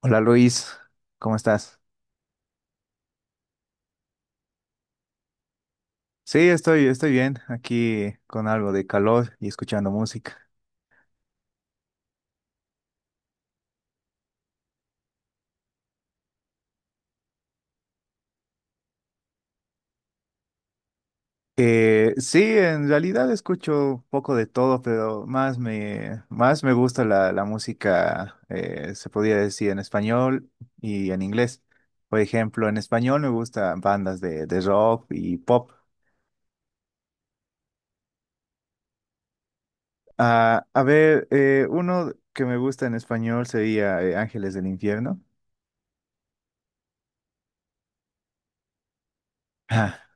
Hola Luis, ¿cómo estás? Sí, estoy bien, aquí con algo de calor y escuchando música. Sí, en realidad escucho un poco de todo, pero más me gusta la música, se podría decir en español y en inglés. Por ejemplo, en español me gustan bandas de rock y pop. Uno que me gusta en español sería Ángeles del Infierno.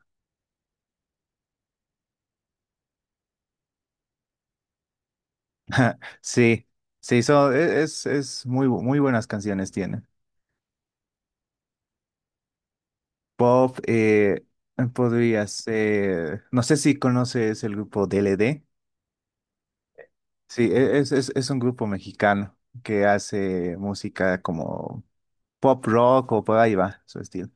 Sí, sí, es muy buenas canciones tienen. Pop, podría ser, no sé si conoces el grupo DLD. Sí, es un grupo mexicano que hace música como pop rock o por ahí va su estilo.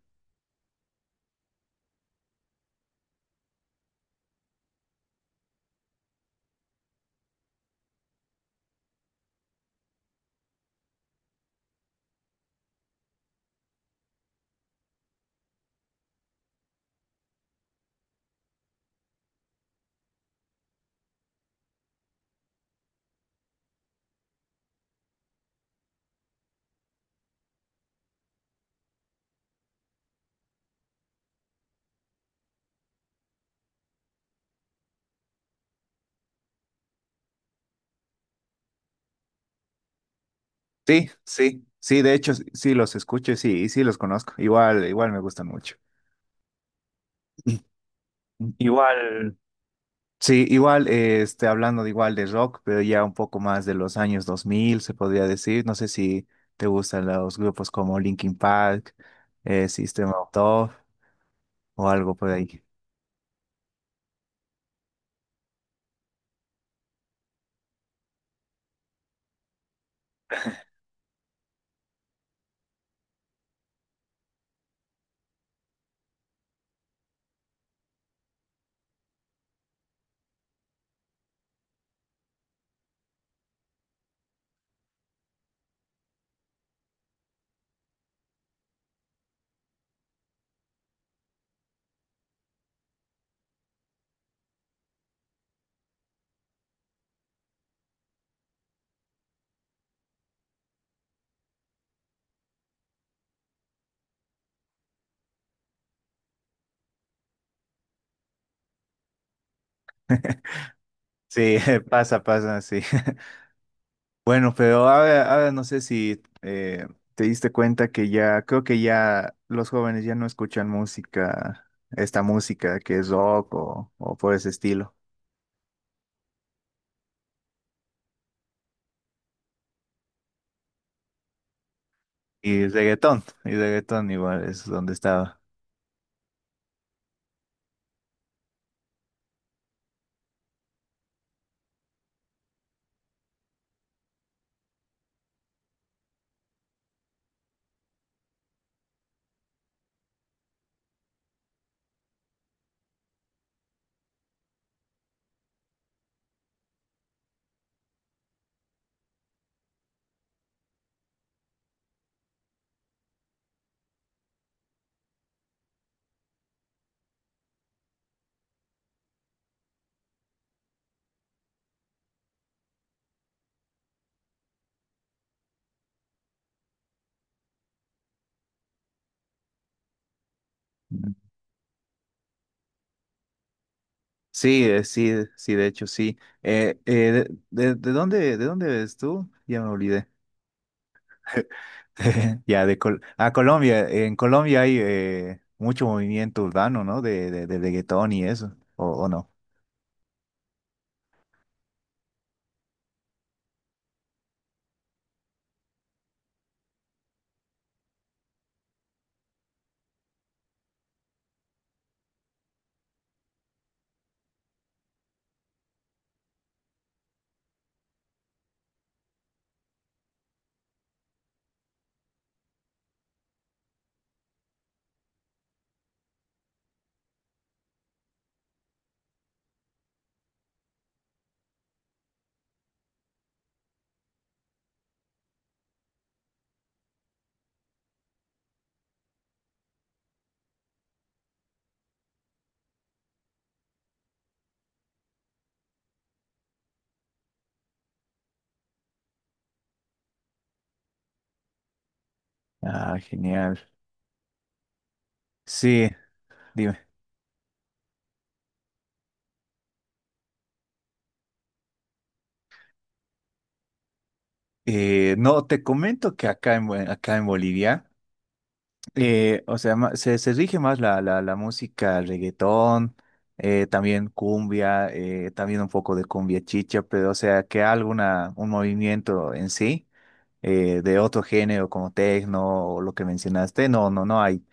Sí, sí, sí, de hecho sí sí los escucho sí, y sí sí los conozco. Igual, igual me gustan mucho. Igual. Sí, igual, hablando de igual de rock, pero ya un poco más de los años 2000, se podría decir. No sé si te gustan los grupos como Linkin Park, System of a Down o algo por ahí. Sí, pasa, pasa, sí. Bueno, pero ahora no sé si te diste cuenta que ya, creo que ya los jóvenes ya no escuchan música, esta música que es rock o por ese estilo. Y reggaetón igual es donde estaba. Sí, sí, de hecho, sí. ¿De dónde eres tú? Ya me olvidé. Ya, de Col ah, Colombia. En Colombia hay mucho movimiento urbano, ¿no? De reggaetón y eso, o no? Ah, genial. Sí, dime. No, te comento que acá en Bolivia. O sea, se rige más la música reggaetón, también cumbia, también un poco de cumbia chicha, pero o sea, que alguna, un movimiento en sí, de otro género como tecno o lo que mencionaste, no, no, no hay.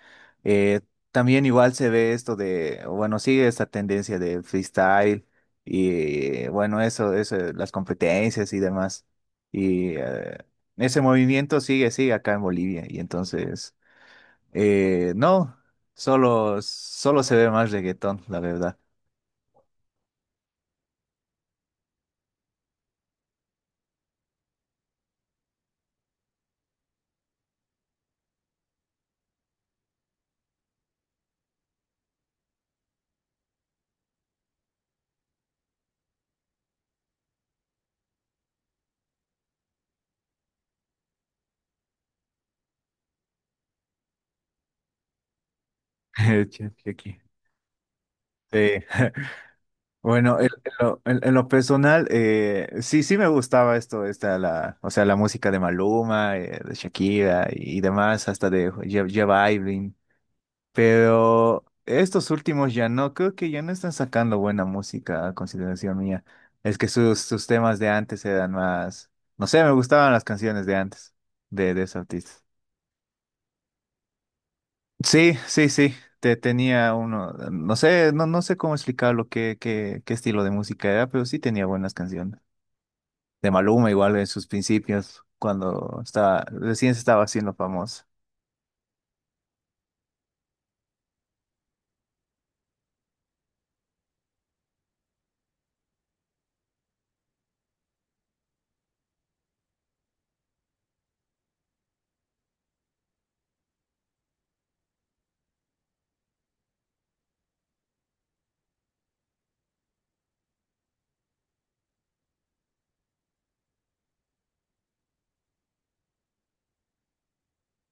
Eh, También igual se ve esto de, bueno, sigue esta tendencia de freestyle y bueno, eso, las competencias y demás. Y ese movimiento sigue, sigue acá en Bolivia y entonces... No, solo, solo se ve más reggaetón, la verdad. Che, che, sí. Bueno, en lo personal, sí, sí me gustaba o sea, la música de Maluma, de Shakira y demás, hasta de J Balvin. Pero estos últimos ya no, creo que ya no están sacando buena música, a consideración mía. Es que sus temas de antes eran más, no sé, me gustaban las canciones de antes de esos artistas. Sí, sí, sí. Te tenía uno, no sé, no, no sé cómo explicarlo, qué estilo de música era, pero sí tenía buenas canciones. De Maluma igual en sus principios, cuando estaba, recién se estaba haciendo famoso.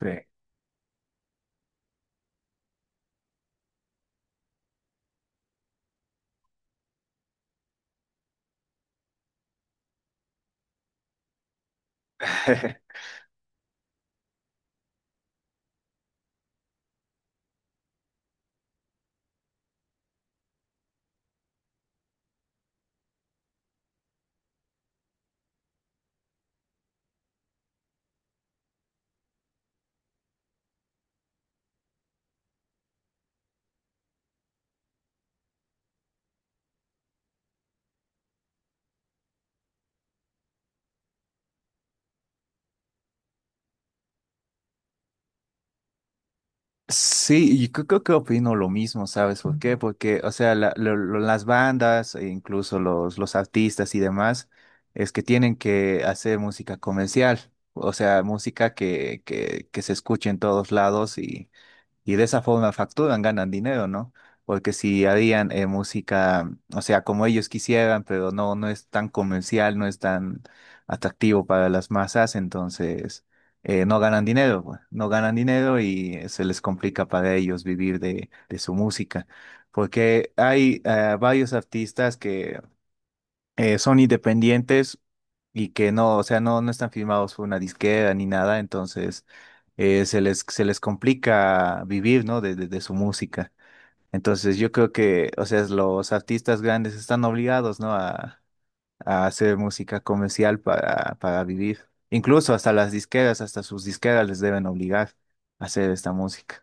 Sí. Sí, y creo que opino lo mismo, ¿sabes por qué? Porque, o sea, las bandas, e incluso los artistas y demás, es que tienen que hacer música comercial, o sea, música que se escuche en todos lados. Y de esa forma facturan, ganan dinero, ¿no? Porque si harían música, o sea, como ellos quisieran, pero no, no es tan comercial, no es tan atractivo para las masas, entonces no ganan dinero, pues, no ganan dinero y se les complica para ellos vivir de su música. Porque hay varios artistas que son independientes y que no, o sea, no, no están firmados por una disquera ni nada, entonces se les complica vivir, ¿no? De su música. Entonces yo creo que, o sea, los artistas grandes están obligados, ¿no? A hacer música comercial para vivir. Incluso hasta las disqueras, hasta sus disqueras les deben obligar a hacer esta música.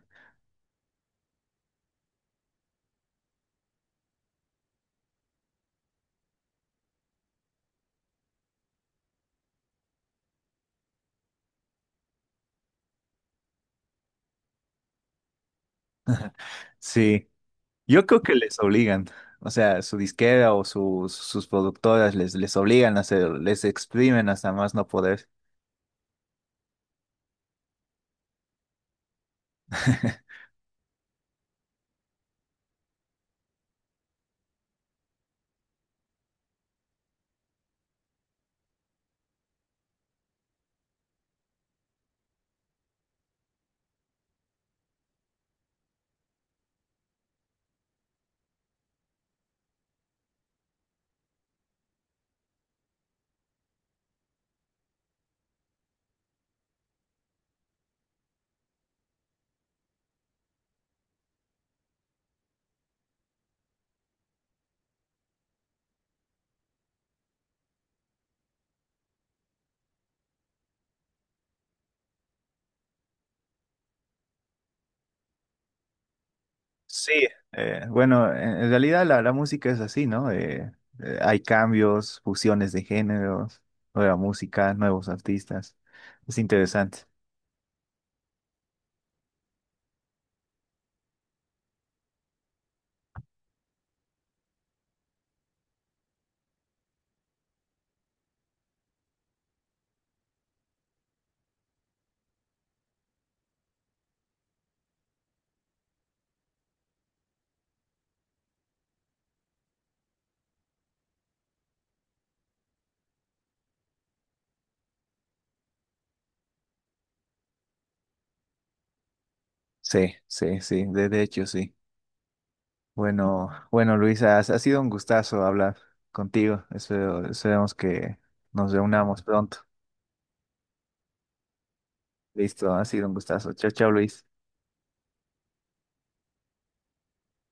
Sí, yo creo que les obligan. O sea, su disquera o sus productoras les, les obligan a hacer, les exprimen hasta más no poder. Sí, bueno, en realidad la música es así, ¿no? Hay cambios, fusiones de géneros, nueva música, nuevos artistas. Es interesante. Sí, sí, sí, de hecho, sí. Bueno, bueno, Luisa, ha, ha sido un gustazo hablar contigo. Espero, esperemos que nos reunamos pronto. Listo, ha sido un gustazo. Chao, chao, Luis.